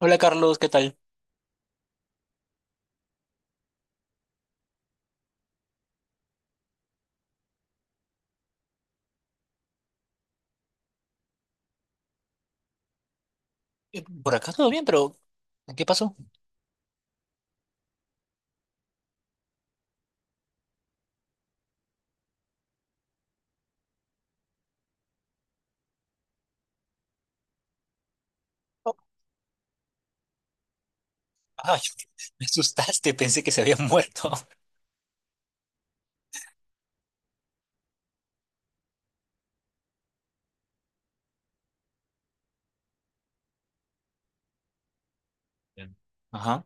Hola Carlos, ¿qué tal? Por acá todo bien, pero ¿qué pasó? Oh, ay, me asustaste, pensé que se había muerto. Bien. Ajá,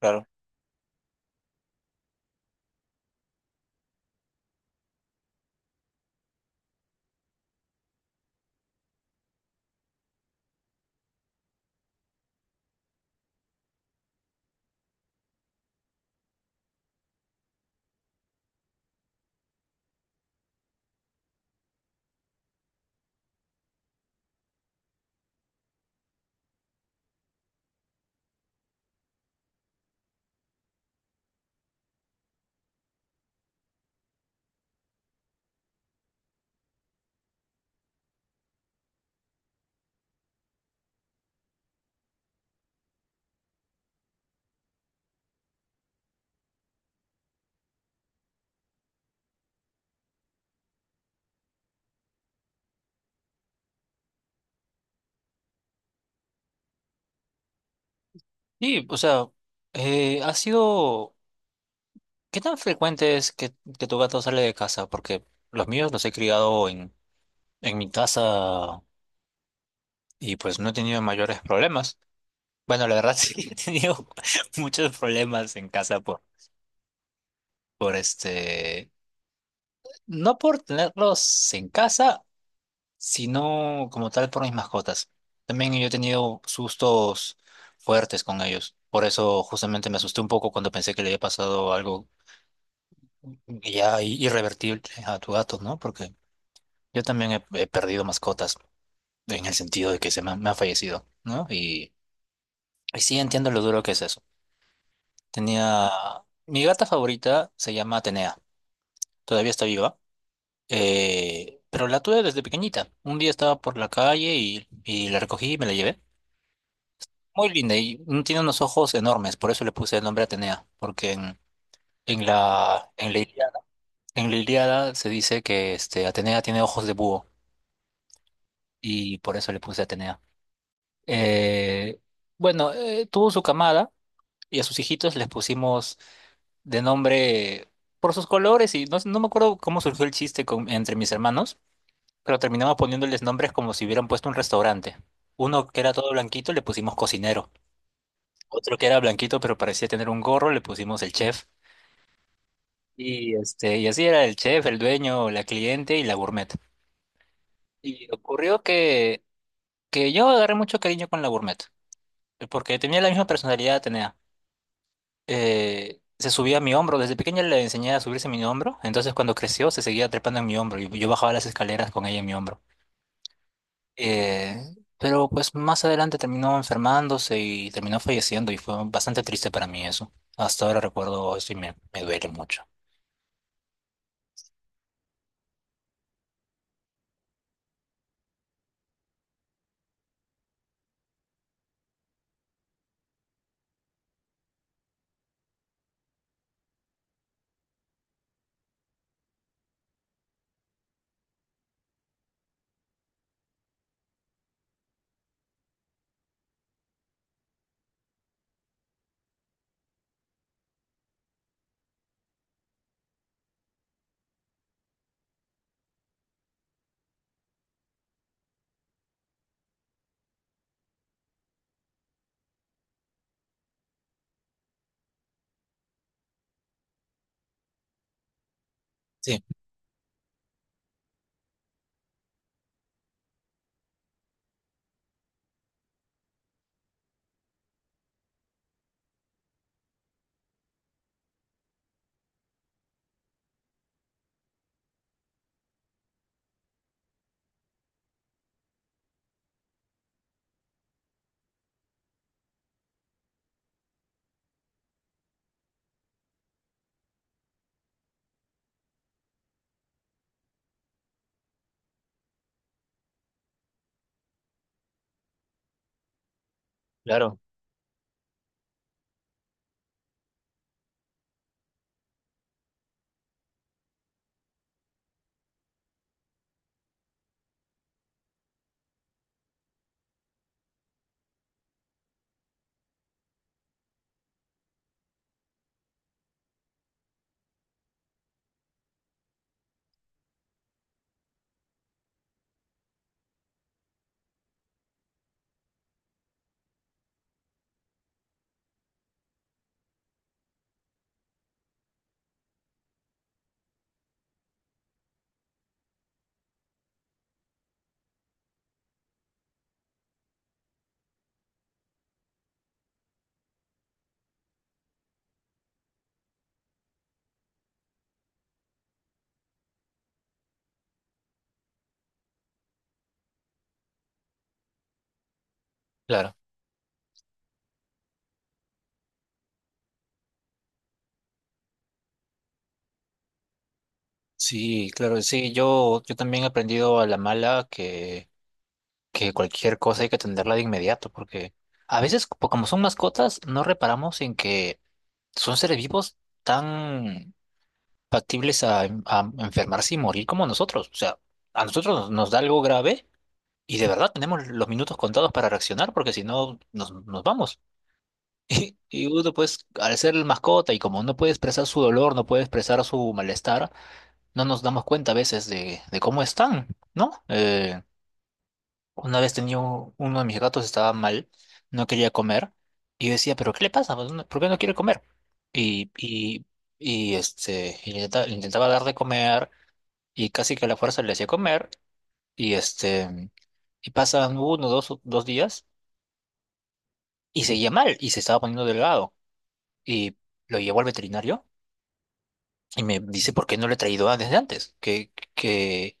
claro. Sí, o sea, ha sido... ¿Qué tan frecuente es que tu gato sale de casa? Porque los míos los he criado en mi casa y pues no he tenido mayores problemas. Bueno, la verdad sí he tenido muchos problemas en casa por este... No por tenerlos en casa sino como tal por mis mascotas. También yo he tenido sustos fuertes con ellos. Por eso justamente me asusté un poco cuando pensé que le había pasado algo irrevertible a tu gato, ¿no? Porque yo también he perdido mascotas en el sentido de que se me han fallecido, ¿no? Y sí entiendo lo duro que es eso. Tenía... Mi gata favorita se llama Atenea. Todavía está viva. Pero la tuve desde pequeñita. Un día estaba por la calle y la recogí y me la llevé. Muy linda y tiene unos ojos enormes, por eso le puse el nombre Atenea, porque en la, en la Ilíada, en la Ilíada se dice que Atenea tiene ojos de búho y por eso le puse Atenea. Eh, bueno, tuvo su camada y a sus hijitos les pusimos de nombre por sus colores y no me acuerdo cómo surgió el chiste entre mis hermanos, pero terminamos poniéndoles nombres como si hubieran puesto un restaurante. Uno que era todo blanquito le pusimos cocinero. Otro que era blanquito pero parecía tener un gorro, le pusimos el chef. Y así era el chef, el dueño, la cliente y la gourmet. Y ocurrió que yo agarré mucho cariño con la gourmet, porque tenía la misma personalidad, tenía. Se subía a mi hombro, desde pequeña le enseñé a subirse a mi hombro, entonces cuando creció se seguía trepando en mi hombro y yo bajaba las escaleras con ella en mi hombro. Eh, pero pues más adelante terminó enfermándose y terminó falleciendo y fue bastante triste para mí eso. Hasta ahora recuerdo eso y me duele mucho. Sí, claro, claro. Sí, claro, sí, yo también he aprendido a la mala que cualquier cosa hay que atenderla de inmediato, porque a veces, como son mascotas, no reparamos en que son seres vivos tan factibles a enfermarse y morir como nosotros. O sea, a nosotros nos da algo grave y de verdad tenemos los minutos contados para reaccionar, porque si no, nos vamos. Y uno, pues, al ser el mascota y como no puede expresar su dolor, no puede expresar su malestar, no nos damos cuenta a veces de cómo están, ¿no? Una vez tenía uno de mis gatos estaba mal, no quería comer, y yo decía, ¿pero qué le pasa? Pues, ¿por qué no quiere comer? Y, y, le intentaba dar de comer, y casi que a la fuerza le hacía comer, y y pasan uno, dos días, y seguía mal, y se estaba poniendo delgado, y lo llevó al veterinario, y me dice, ¿por qué no le he traído desde antes?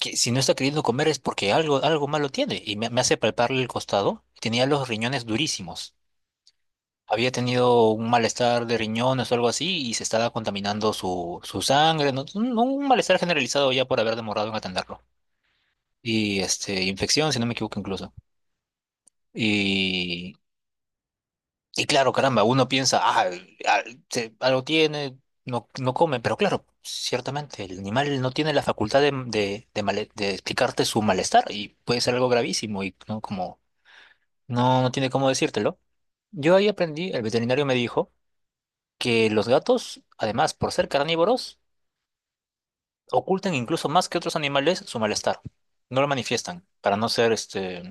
Que si no está queriendo comer es porque algo malo tiene. Me hace palparle el costado. Tenía los riñones durísimos. Había tenido un malestar de riñones o algo así y se estaba contaminando su sangre. ¿No? Un malestar generalizado ya por haber demorado en atenderlo. Y este, infección, si no me equivoco incluso. Y y claro, caramba, uno piensa, ah, algo tiene, no come, pero claro, ciertamente el animal no tiene la facultad de explicarte su malestar y puede ser algo gravísimo y no como no tiene cómo decírtelo. Yo ahí aprendí, el veterinario me dijo que los gatos, además, por ser carnívoros, ocultan incluso más que otros animales su malestar. No lo manifiestan para no ser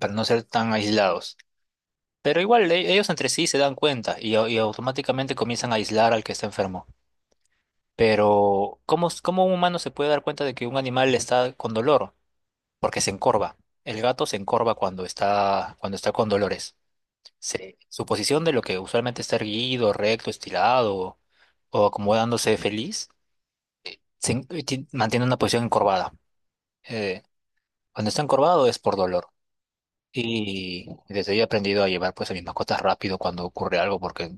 para no ser tan aislados. Pero igual ellos entre sí se dan cuenta y automáticamente comienzan a aislar al que está enfermo. Pero ¿cómo, cómo un humano se puede dar cuenta de que un animal está con dolor? Porque se encorva. El gato se encorva cuando está con dolores. Su posición de lo que usualmente está erguido, recto, estirado o acomodándose feliz, mantiene una posición encorvada. Eh, cuando está encorvado es por dolor. Y desde ahí he aprendido a llevar pues a mis mascotas rápido cuando ocurre algo porque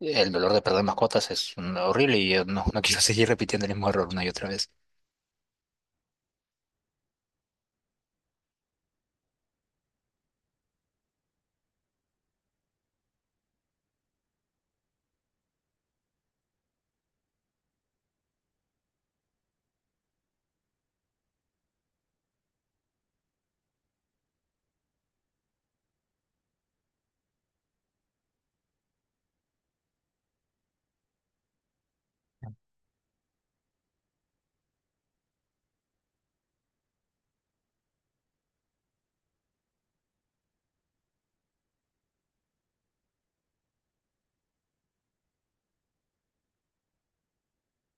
el dolor de perder mascotas es horrible y yo no quiero seguir repitiendo el mismo error una y otra vez.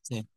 Sí.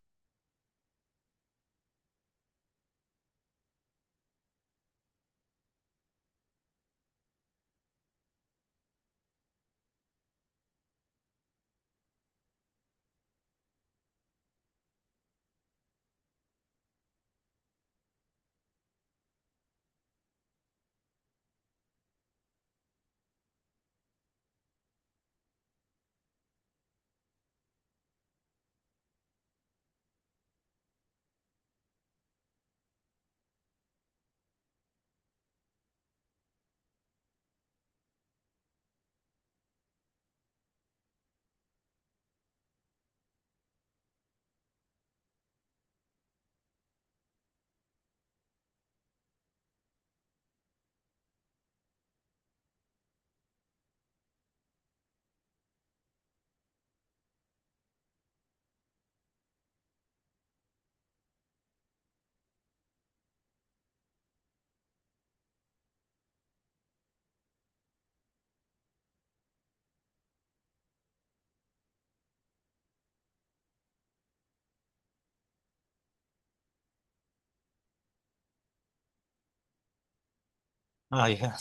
Ay, ja.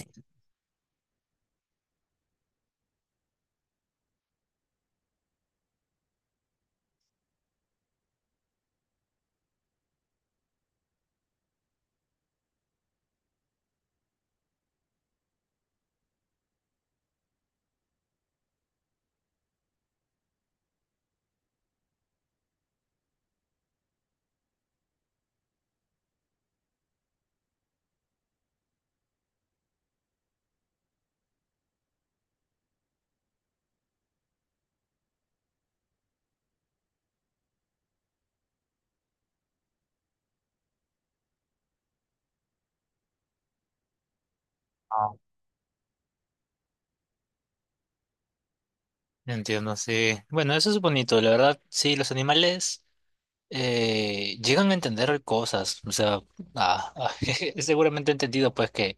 Ah, entiendo, sí. Bueno, eso es bonito, la verdad, sí, los animales llegan a entender cosas, o sea, ah, ah, seguramente he entendido pues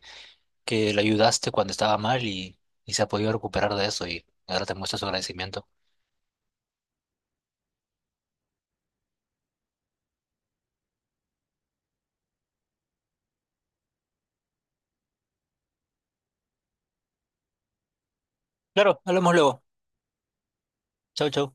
que le ayudaste cuando estaba mal y se ha podido recuperar de eso y ahora te muestra su agradecimiento. Claro, hablamos luego. Chau, chau.